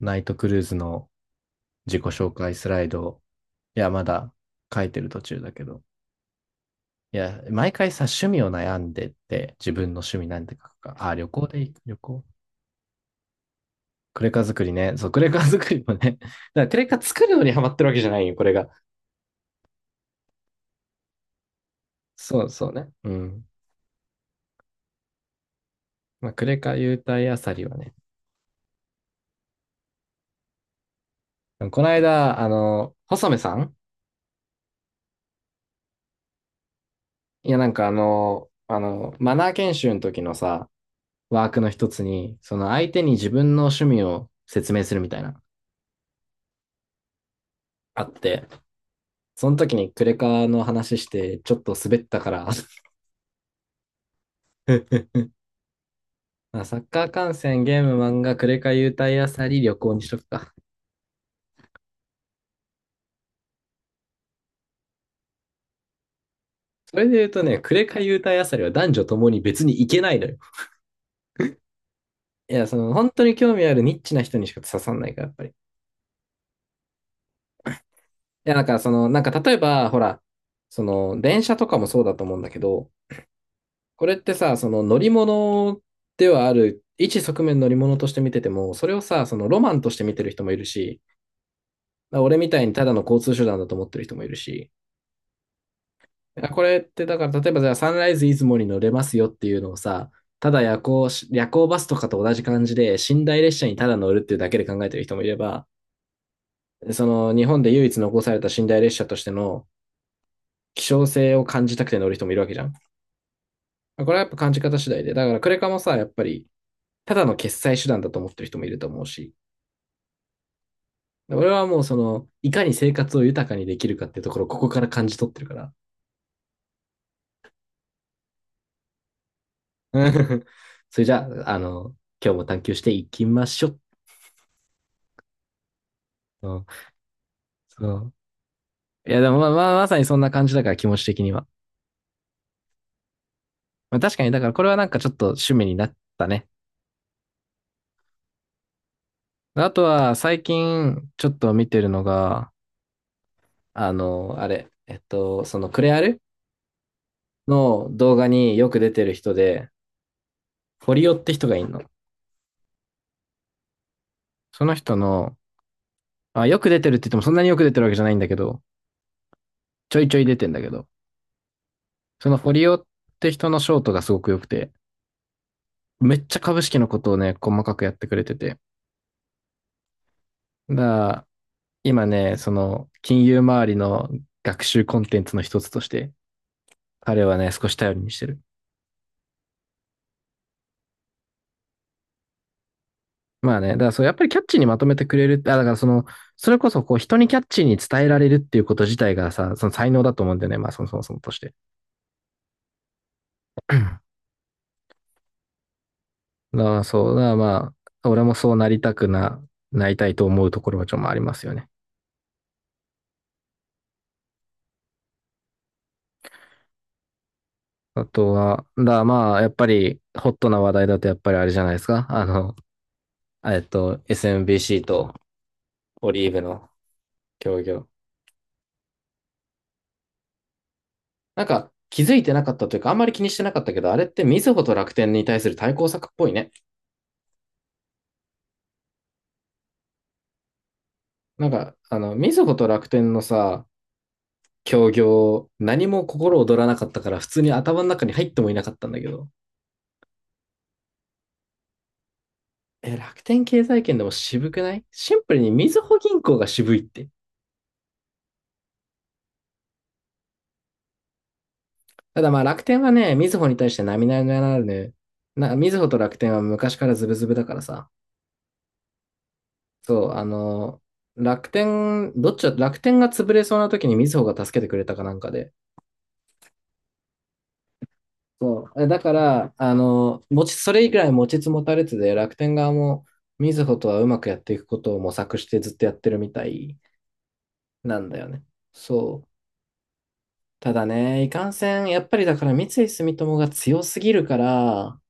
ナイトクルーズの自己紹介スライド、いや、まだ書いてる途中だけど。いや、毎回さ、趣味を悩んでって、自分の趣味なんて書くか。あ、旅行でいい、旅行。クレカ作りね。そう、クレカ作りもね。だからクレカ作るのにハマってるわけじゃないよ、これが。そうそうね。うん。まあ、クレカ優待あさりはね。この間、細目さん。いや、なんかマナー研修の時のさ、ワークの一つに、その相手に自分の趣味を説明するみたいな、あって、その時にクレカの話してちょっと滑ったから。 まあサッカー観戦、ゲーム、漫画、クレカ優待あさり、旅行にしとくか。それで言うとね、クレカ優待あさりは男女ともに別に行けないのよ。いや、その本当に興味あるニッチな人にしか刺さんないから、やっぱり。いや、なんかその、なんか例えば、ほら、その電車とかもそうだと思うんだけど、これってさ、その乗り物ではある、一側面乗り物として見てても、それをさ、そのロマンとして見てる人もいるし、まあ俺みたいにただの交通手段だと思ってる人もいるし、これってだから例えばじゃあサンライズ出雲に乗れますよっていうのをさ、ただ夜行バスとかと同じ感じで寝台列車にただ乗るっていうだけで考えてる人もいれば、その日本で唯一残された寝台列車としての希少性を感じたくて乗る人もいるわけじゃん。これはやっぱ感じ方次第で。だからクレカもさ、やっぱりただの決済手段だと思ってる人もいると思うし、俺はもうその、いかに生活を豊かにできるかっていうところをここから感じ取ってるから。うん。それじゃあ、今日も探求していきましょう。うん。そう。いや、でもまあ、まさにそんな感じだから、気持ち的には。まあ、確かに、だからこれはなんかちょっと趣味になったね。あとは、最近、ちょっと見てるのが、あの、あれ、えっと、そのクレアルの動画によく出てる人で、フォリオって人がいるの。その人の、あ、よく出てるって言ってもそんなによく出てるわけじゃないんだけど、ちょいちょい出てんだけど、そのフォリオって人のショートがすごく良くて、めっちゃ株式のことをね、細かくやってくれてて。だから今ね、その、金融周りの学習コンテンツの一つとして、彼はね、少し頼りにしてる。まあね、だからそう、やっぱりキャッチーにまとめてくれるって、あ、だからその、それこそこう、人にキャッチーに伝えられるっていうこと自体がさ、その才能だと思うんだよね、まあそもそもそもとして。だからそう、だからまあ、俺もなりたいと思うところはちょっとありますよね。あとは、だからまあ、やっぱり、ホットな話題だとやっぱりあれじゃないですか。SMBC とオリーブの協業。なんか、気づいてなかったというか、あんまり気にしてなかったけど、あれってみずほと楽天に対する対抗策っぽいね。なんか、あの、みずほと楽天のさ、協業、何も心躍らなかったから、普通に頭の中に入ってもいなかったんだけど。え、楽天経済圏でも渋くない、シンプルにみずほ銀行が渋いって。ただまあ楽天はね、みずほに対して並々ならぬ、みずほと楽天は昔からズブズブだからさ。そう、あの、楽天、どっちだ、楽天が潰れそうな時にみずほが助けてくれたかなんかで。そう。だから、あの、それ以来持ちつ持たれつで、楽天側もみずほとはうまくやっていくことを模索してずっとやってるみたいなんだよね。そう。ただね、いかんせん、やっぱりだから三井住友が強すぎるから、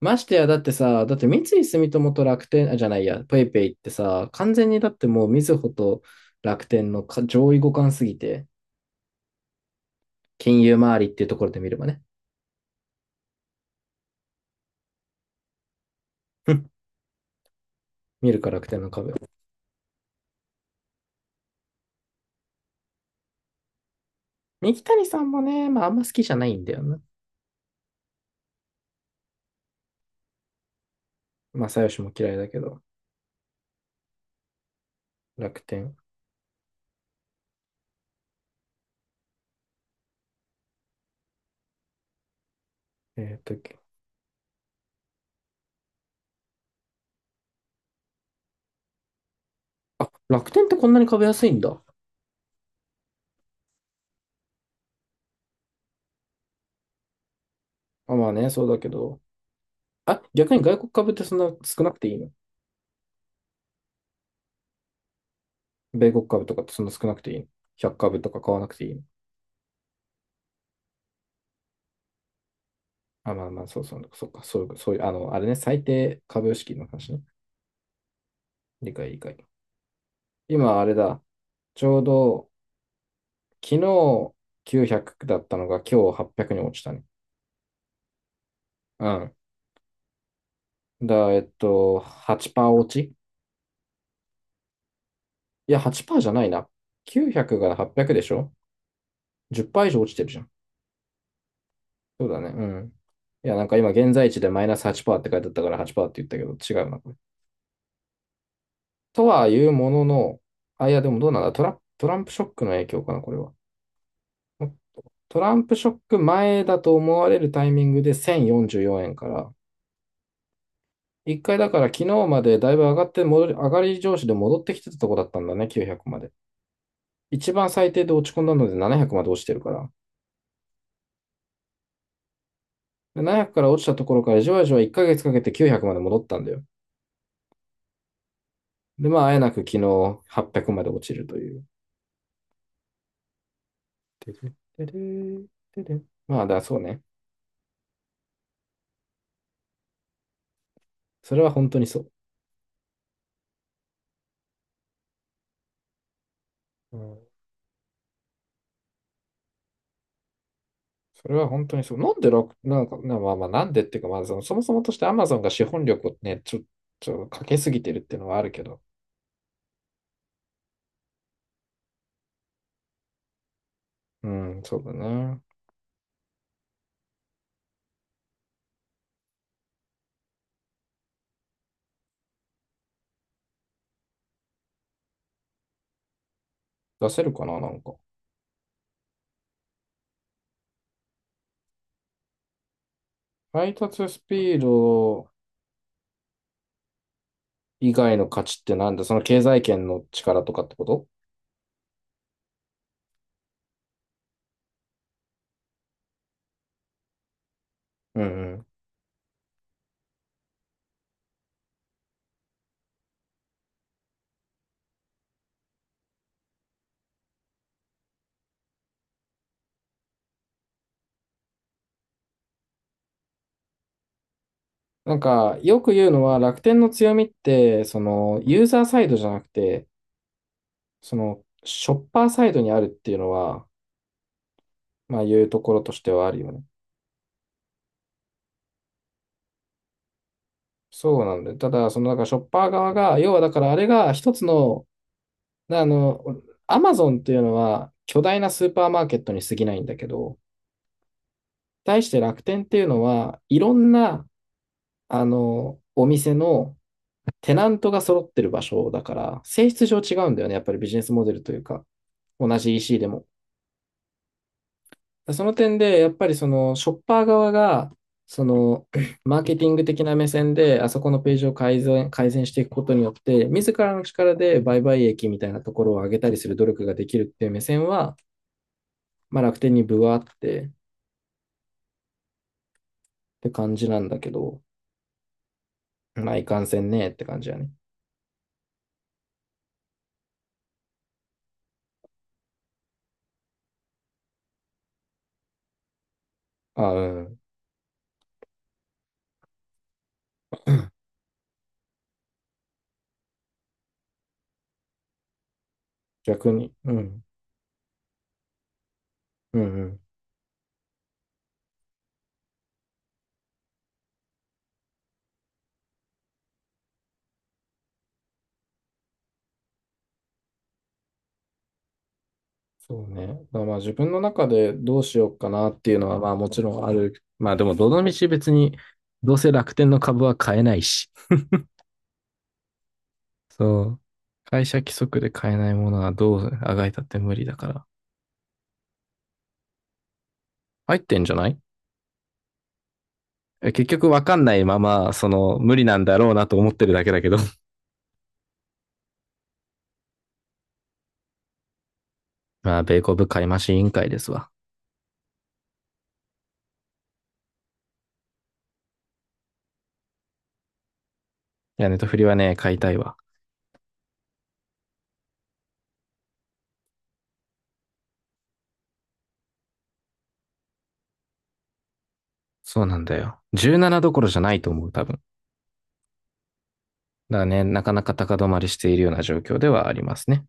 ましてや、だってさ、だって三井住友と楽天、あ、じゃないや、ペイペイってさ、完全にだってもうみずほと楽天のか上位互換すぎて、金融周りっていうところで見ればね。 見るから楽天の株。三木谷さんもね、まああんま好きじゃないんだよな。まあよしも嫌いだけど、楽天。えっと、あ、楽天ってこんなに株安いんだ。あ、まあね、そうだけど。あ、逆に外国株ってそんな少なくていいの？米国株とかってそんな少なくていいの？ 100 株とか買わなくていいの？あ、まあまあ、そうそう、そうか、そういう、そういう、あれね、最低株式の話ね。理解、理解。今、あれだ。ちょうど、昨日900だったのが今日800に落ちたね。うん。だ、えっと、8%落ち。いや、8%じゃないな。900が800でしょ？ 10% 以上落ちてるじゃん。そうだね。うん。いや、なんか今、現在地でマイナス8%って書いてあったから8%って言ったけど、違うな、これ。とはいうものの、あ、いや、でもどうなんだトランプショックの影響かな、これは。トランプショック前だと思われるタイミングで1044円から、一回だから昨日までだいぶ上がって戻り、上がり上司で戻ってきてたとこだったんだね、900まで。一番最低で落ち込んだので700まで落ちてるから。で700から落ちたところからじわじわ1ヶ月かけて900まで戻ったんだよ。で、まあ、あえなく昨日800まで落ちるという。まあ、そうね。それは本当にそう。うん。それは本当にそう。なんで楽、なんか、なまあまあ、なんでっていうか、まあその、そもそもとして Amazon が資本力をね、ちょ、ちょ、かけすぎてるっていうのはあるけど。うん、そうだね。出せるかな、なんか。配達スピード以外の価値ってなんだ？その経済圏の力とかってこと？うんうん。なんか、よく言うのは楽天の強みって、その、ユーザーサイドじゃなくて、その、ショッパーサイドにあるっていうのは、まあ、いうところとしてはあるよね。そうなんだよ。ただ、その、だから、ショッパー側が、要は、だから、あれが一つの、あの、アマゾンっていうのは、巨大なスーパーマーケットに過ぎないんだけど、対して楽天っていうのは、いろんなあの、お店のテナントが揃ってる場所だから、性質上違うんだよね。やっぱりビジネスモデルというか、同じ EC でも。その点で、やっぱりそのショッパー側が、その マーケティング的な目線で、あそこのページを改善、改善していくことによって、自らの力で売買益みたいなところを上げたりする努力ができるっていう目線は、まあ楽天にぶわってって感じなんだけど、まあいかんせんねって感じやね。あ、うん。逆に。うん。うんうん。そうね。だからまあ自分の中でどうしようかなっていうのはまあもちろんある。まあでもどの道別にどうせ楽天の株は買えないし。そう。会社規則で買えないものはどうあがいたって無理だから。入ってんじゃない？結局わかんないまま、その無理なんだろうなと思ってるだけだけど。まあ米国買い増し委員会ですわ。いや、ネトフリはね、買いたいわ。そうなんだよ。17どころじゃないと思う、多分。だからね、なかなか高止まりしているような状況ではありますね。